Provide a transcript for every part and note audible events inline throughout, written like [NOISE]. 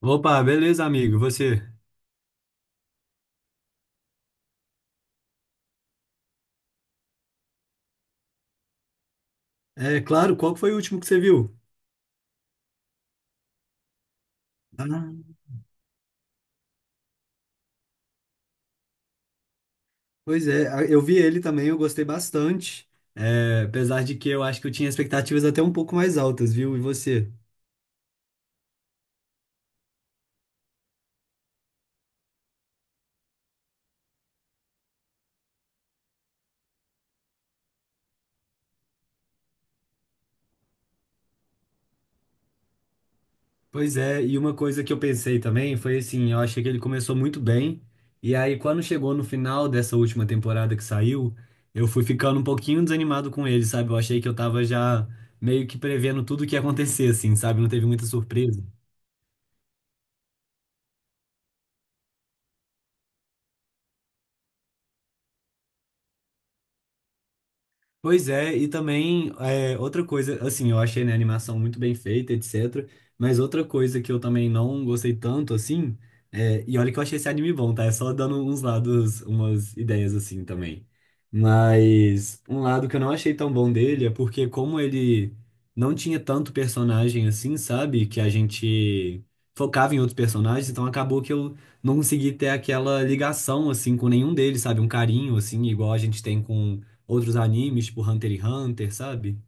Opa, beleza, amigo. E você? É claro, qual que foi o último que você viu? Ah, eu vi ele também, eu gostei bastante. É, apesar de que eu acho que eu tinha expectativas até um pouco mais altas, viu? E você? Pois é, e uma coisa que eu pensei também foi assim, eu achei que ele começou muito bem, e aí quando chegou no final dessa última temporada que saiu, eu fui ficando um pouquinho desanimado com ele, sabe? Eu achei que eu tava já meio que prevendo tudo o que ia acontecer, assim, sabe? Não teve muita surpresa. Pois é, e também é, outra coisa, assim, eu achei, né, a animação muito bem feita, etc. Mas outra coisa que eu também não gostei tanto, assim, é, e olha que eu achei esse anime bom, tá? É só dando uns lados, umas ideias assim também. Mas um lado que eu não achei tão bom dele é porque como ele não tinha tanto personagem assim, sabe? Que a gente focava em outros personagens, então acabou que eu não consegui ter aquela ligação, assim, com nenhum deles, sabe? Um carinho, assim, igual a gente tem com outros animes, tipo Hunter x Hunter, sabe?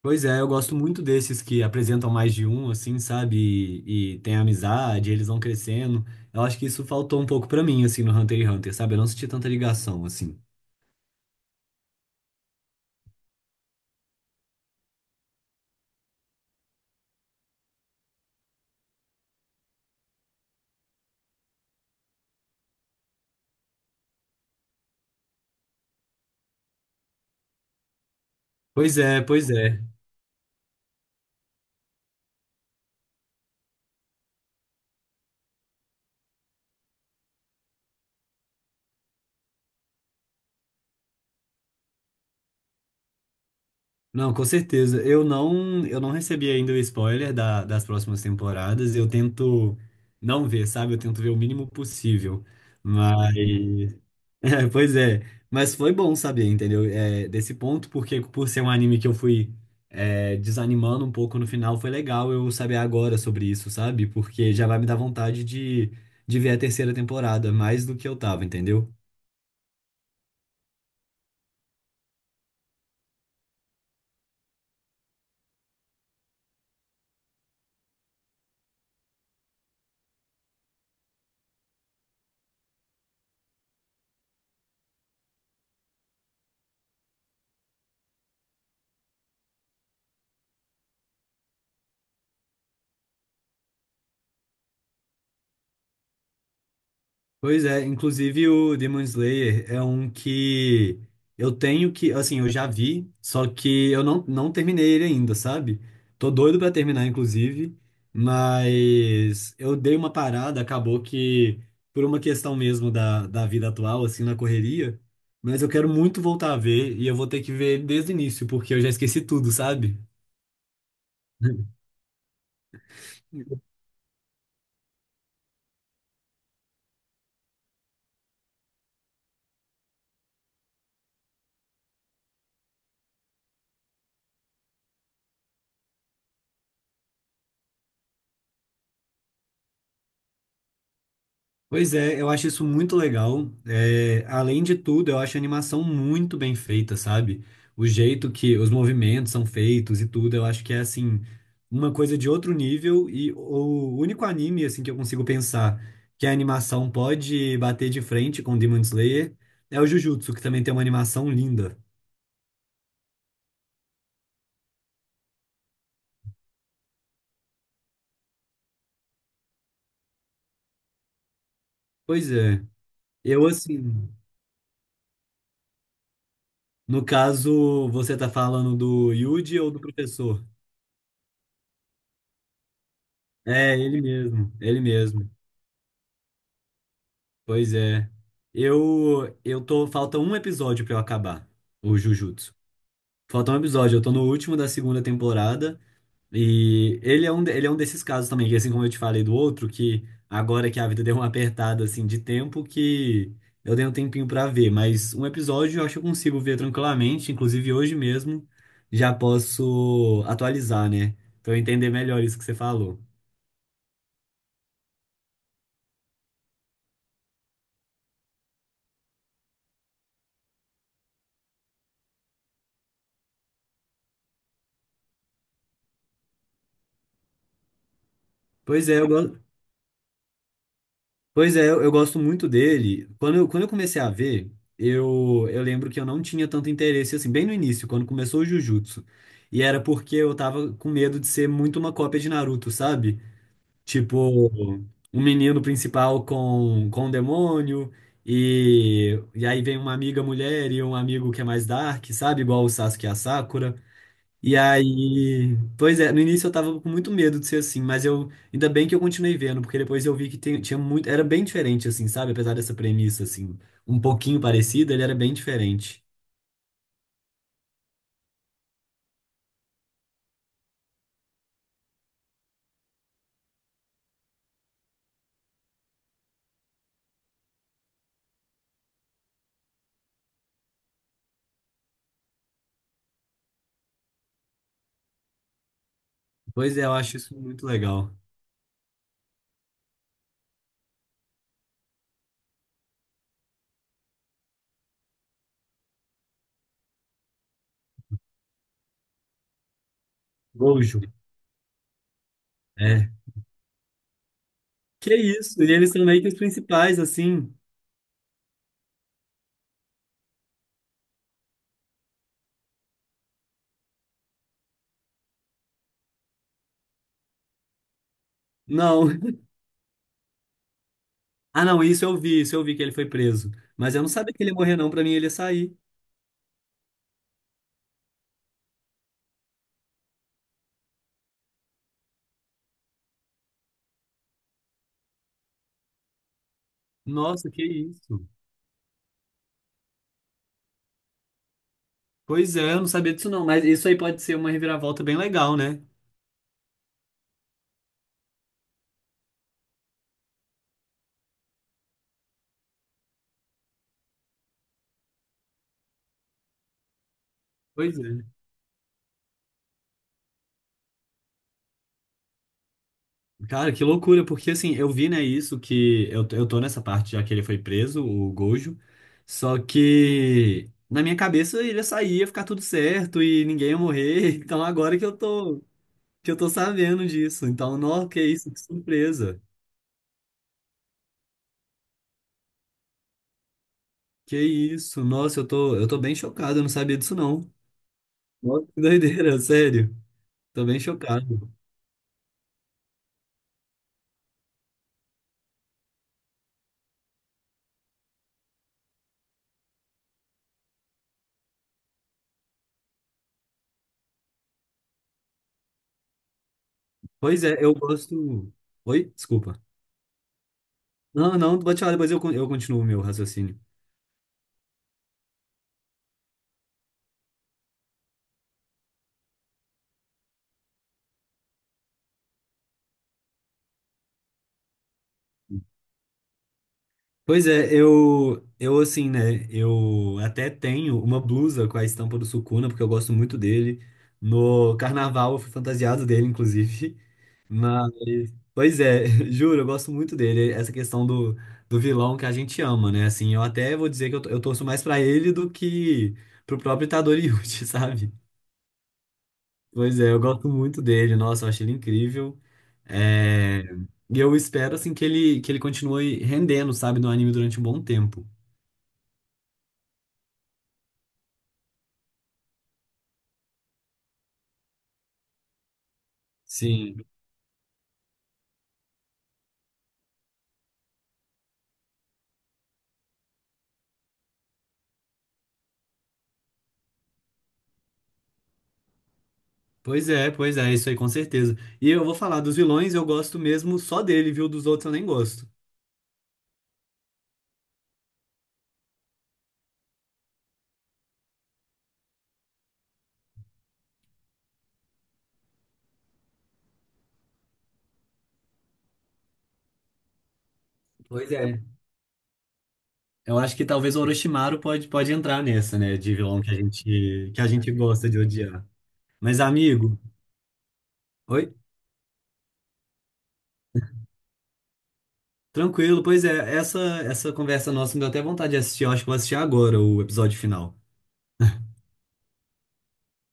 Pois é, eu gosto muito desses que apresentam mais de um, assim, sabe? E tem amizade, eles vão crescendo. Eu acho que isso faltou um pouco pra mim, assim, no Hunter x Hunter, sabe? Eu não senti tanta ligação, assim. Pois é, pois é. Não, com certeza. Eu não recebi ainda o spoiler das próximas temporadas. Eu tento não ver, sabe? Eu tento ver o mínimo possível. Mas [LAUGHS] é, pois é, mas foi bom saber, entendeu? É, desse ponto, porque por ser um anime que eu fui é, desanimando um pouco no final, foi legal eu saber agora sobre isso, sabe? Porque já vai me dar vontade de ver a terceira temporada, mais do que eu tava, entendeu? Pois é, inclusive o Demon Slayer é um que eu tenho que, assim, eu já vi, só que eu não, não terminei ele ainda, sabe? Tô doido pra terminar, inclusive, mas eu dei uma parada, acabou que por uma questão mesmo da vida atual, assim, na correria, mas eu quero muito voltar a ver e eu vou ter que ver ele desde o início, porque eu já esqueci tudo, sabe? [LAUGHS] Pois é, eu acho isso muito legal. É, além de tudo, eu acho a animação muito bem feita, sabe? O jeito que os movimentos são feitos e tudo, eu acho que é assim, uma coisa de outro nível e o único anime assim que eu consigo pensar que a animação pode bater de frente com Demon Slayer é o Jujutsu, que também tem uma animação linda. Pois é. Eu assim, no caso, você tá falando do Yuji ou do professor? É, ele mesmo, ele mesmo. Pois é. Eu tô falta um episódio pra eu acabar o Jujutsu. Falta um episódio, eu tô no último da segunda temporada e ele é um ele é um desses casos também, que assim como eu te falei do outro, que agora que a vida deu uma apertada assim de tempo que eu dei um tempinho pra ver, mas um episódio eu acho que eu consigo ver tranquilamente, inclusive hoje mesmo já posso atualizar, né? Pra eu entender melhor isso que você falou. Pois é, eu, go- Pois é, eu gosto muito dele. Quando eu comecei a ver, eu lembro que eu não tinha tanto interesse, assim, bem no início, quando começou o Jujutsu. E era porque eu tava com medo de ser muito uma cópia de Naruto, sabe? Tipo, um menino principal com um demônio, e aí vem uma amiga mulher e um amigo que é mais dark, sabe? Igual o Sasuke e a Sakura. E aí, pois é, no início eu tava com muito medo de ser assim, mas eu ainda bem que eu continuei vendo, porque depois eu vi que tinha muito, era bem diferente assim, sabe? Apesar dessa premissa assim, um pouquinho parecida, ele era bem diferente. Pois é, eu acho isso muito legal. Gojo. É. Que isso? E eles são meio que os principais assim. Não. [LAUGHS] Ah, não, isso eu vi que ele foi preso, mas eu não sabia que ele ia morrer não, pra mim ele ia sair. Nossa, que isso. Pois é, eu não sabia disso não, mas isso aí pode ser uma reviravolta bem legal, né? Pois é. Cara, que loucura, porque assim, eu vi, né, isso que eu tô nessa parte já que ele foi preso, o Gojo. Só que na minha cabeça ele ia sair, ia ficar tudo certo e ninguém ia morrer. [LAUGHS] Então agora que eu tô sabendo disso. Então, nossa, que isso, que surpresa. Que isso? Nossa, eu tô bem chocado, eu não sabia disso não. Nossa, que doideira, [LAUGHS] sério. Tô bem chocado. Pois é, eu gosto. Oi? Desculpa. Não, não, pode falar, depois eu continuo o meu raciocínio. Pois é, eu assim, né? Eu até tenho uma blusa com a estampa do Sukuna, porque eu gosto muito dele. No carnaval eu fui fantasiado dele, inclusive. [LAUGHS] Mas, pois é, [LAUGHS] juro, eu gosto muito dele. Essa questão do vilão que a gente ama, né? Assim, eu até vou dizer que eu torço mais pra ele do que pro próprio Itadori Yuji, [LAUGHS] sabe? Pois é, eu gosto muito dele. Nossa, eu acho ele incrível. É, e eu espero, assim, que ele continue rendendo, sabe, no anime durante um bom tempo. Sim. Pois é, isso aí com certeza. E eu vou falar dos vilões, eu gosto mesmo só dele, viu? Dos outros eu nem gosto. Pois é. Eu acho que talvez o Orochimaru pode, pode entrar nessa, né? De vilão que que a gente gosta de odiar. Mas, amigo, oi? Tranquilo, pois é, essa conversa nossa me deu até vontade de assistir. Eu acho que vou assistir agora o episódio final.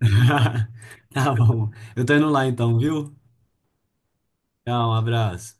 [LAUGHS] Tá bom. Eu tô indo lá então, viu? Tchau, um abraço.